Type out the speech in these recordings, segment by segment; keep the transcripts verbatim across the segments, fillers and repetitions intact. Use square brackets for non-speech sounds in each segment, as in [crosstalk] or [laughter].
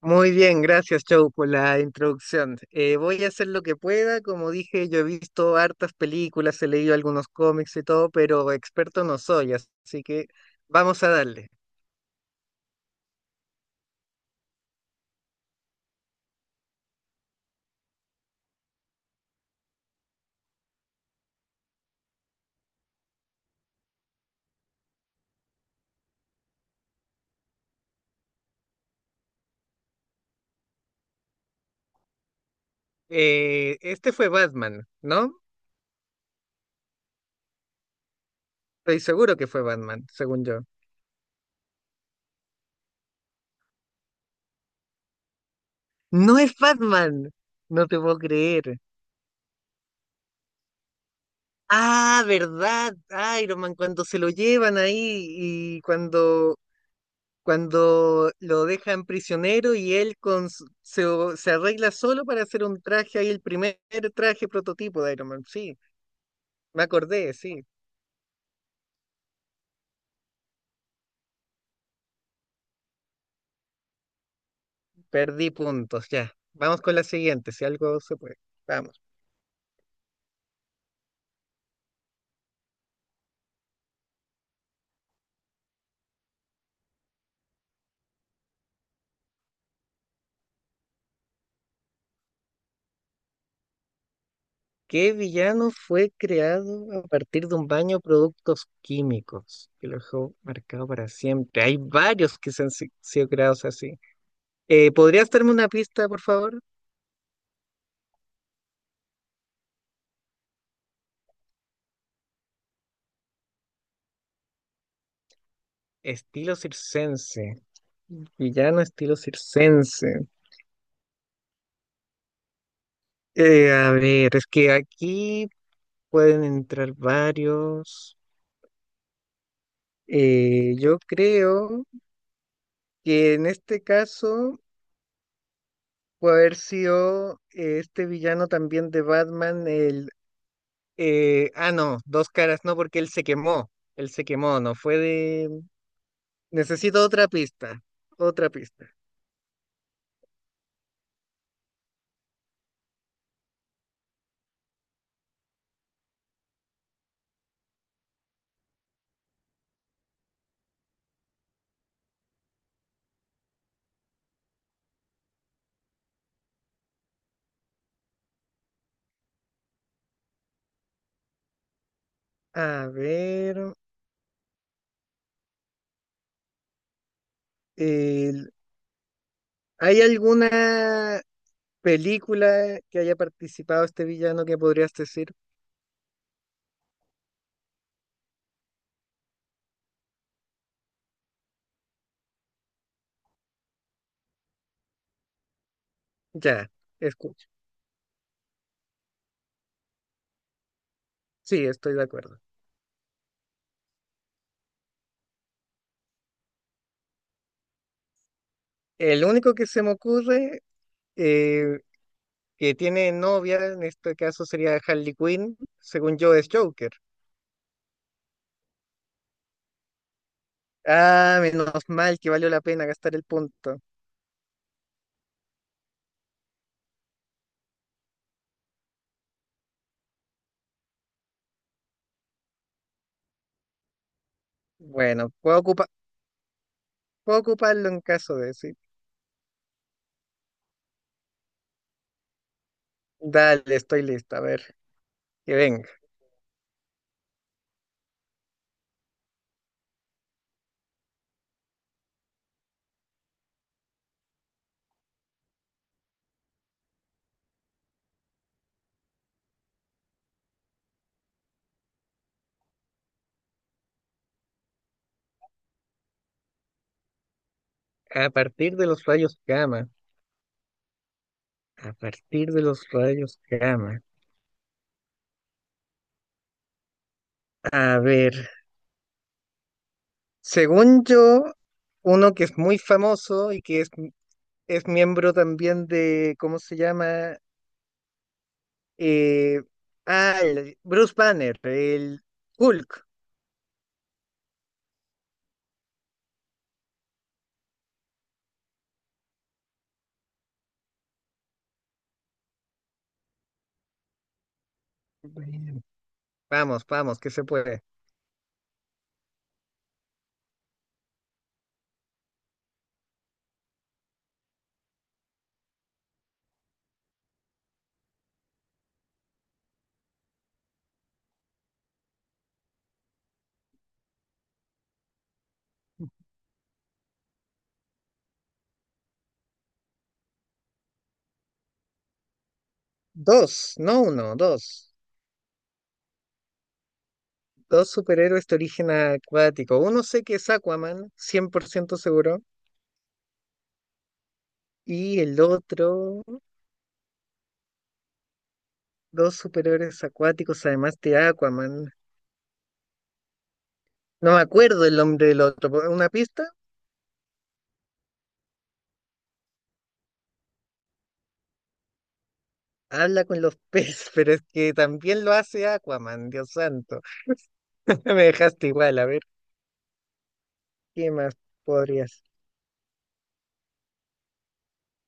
Muy bien, gracias, Joe, por la introducción. Eh, voy a hacer lo que pueda. Como dije, yo he visto hartas películas, he leído algunos cómics y todo, pero experto no soy, as- así que vamos a darle. Eh, este fue Batman, ¿no? Estoy seguro que fue Batman, según yo. No es Batman, no te puedo creer. Ah, ¿verdad? Iron Man, cuando se lo llevan ahí y cuando cuando lo dejan prisionero y él con, su- se, o- se arregla solo para hacer un traje ahí, el primer traje prototipo de Iron Man. Sí, me acordé, sí, perdí puntos, ya. Vamos con la siguiente, si algo se puede. Vamos. ¿Qué villano fue creado a partir de un baño de productos químicos? Que lo dejó marcado para siempre. Hay varios que se han si- sido creados así. Eh, ¿podrías darme una pista, por favor? Estilo circense. Villano estilo circense. Eh, a ver, es que aquí pueden entrar varios. Eh, yo creo que en este caso puede haber sido eh, este villano también de Batman, el... eh, ah, no, dos caras, no, porque él se quemó. Él se quemó, no fue de... Necesito otra pista, otra pista. A ver, el- ¿hay alguna película que haya participado este villano que podrías decir? Ya. Sí, estoy de acuerdo. El único que se me ocurre eh, que tiene novia, en este caso sería Harley Quinn, según yo es Joker. Ah, menos mal que valió la pena gastar el punto. Bueno, puedo ocupa- puedo ocuparlo en caso de sí. Dale, estoy lista, a ver, que venga. A partir de los rayos gamma, a partir de los rayos gamma. A ver, según yo, uno que es muy famoso y que es, es miembro también de, ¿cómo se llama? Eh, ah, el- Bruce Banner, el Hulk. Bueno. Vamos, vamos, que se puede. Dos, no uno, dos. Dos superhéroes de origen acuático. Uno sé que es Aquaman, cien por ciento seguro. Y el otro, dos superhéroes acuáticos, además de Aquaman. No me acuerdo el nombre del otro. ¿po- ¿Una pista? Habla con los peces, [laughs] pero es que también lo hace Aquaman, Dios santo. [laughs] Me dejaste igual, a ver, ¿qué más podrías?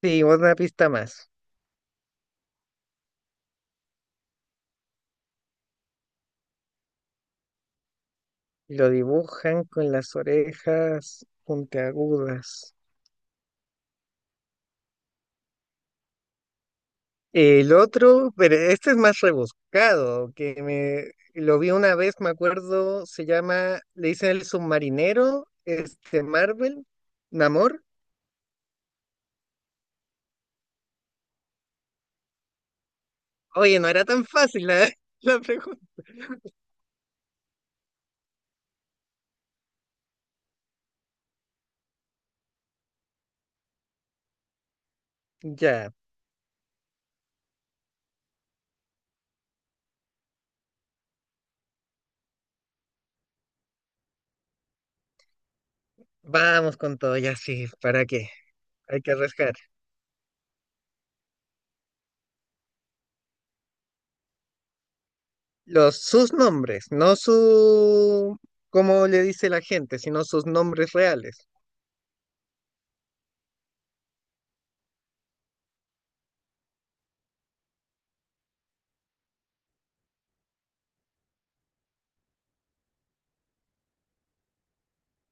Sí, una pista más. Lo dibujan con las orejas puntiagudas. El otro, pero este es más rebuscado, que me lo vi una vez, me acuerdo, se llama, le dicen el submarinero, este Marvel, Namor. Oye, no era tan fácil la, [laughs] la pregunta. Ya, vamos con todo, ya sí, ¿para qué? Hay que arriesgar. Los, sus nombres, no su, como le dice la gente, sino sus nombres reales.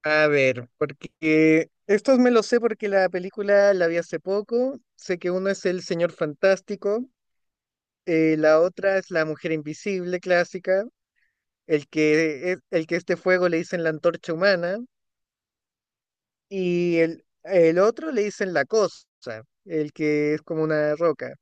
A ver, porque estos me los sé porque la película la vi hace poco. Sé que uno es el Señor Fantástico, eh, la otra es la Mujer Invisible clásica, el que, es- el que este fuego le dicen la antorcha humana, y el, el otro le dicen la cosa, el que es como una roca.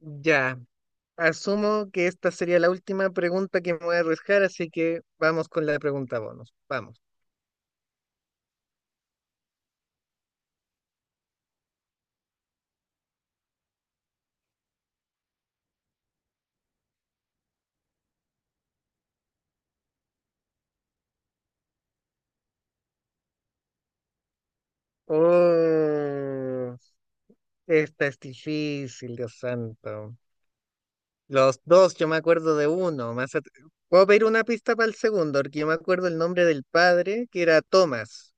Ya, asumo que esta sería la última pregunta que me voy a arriesgar, así que vamos con la pregunta bonus. Vamos. Oh. Esta es difícil, Dios santo. Los dos, yo me acuerdo de uno. Más at- Puedo pedir una pista para el segundo, porque yo me acuerdo el nombre del padre, que era Thomas,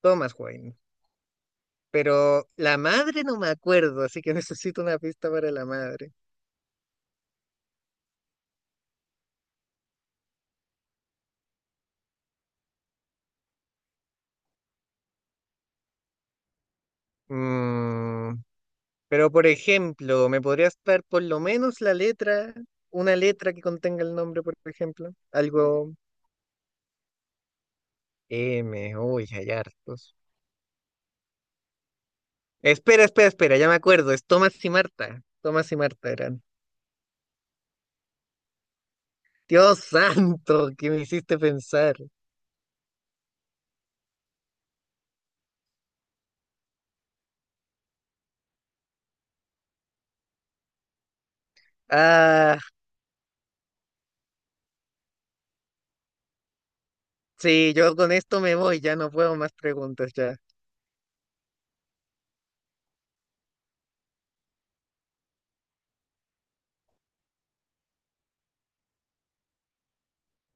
Thomas Wayne. Pero la madre no me acuerdo, así que [laughs] necesito una pista para la madre. Mm, pero por ejemplo, ¿me podrías dar por lo menos la letra, una letra que contenga el nombre, por ejemplo? Algo M, uy, hay hartos. Espera, espera, espera, ya me acuerdo, es Thomas y Marta. Thomas y Marta eran. Dios santo, que me hiciste pensar. Ah, sí, yo con esto me voy, ya no puedo más preguntas ya.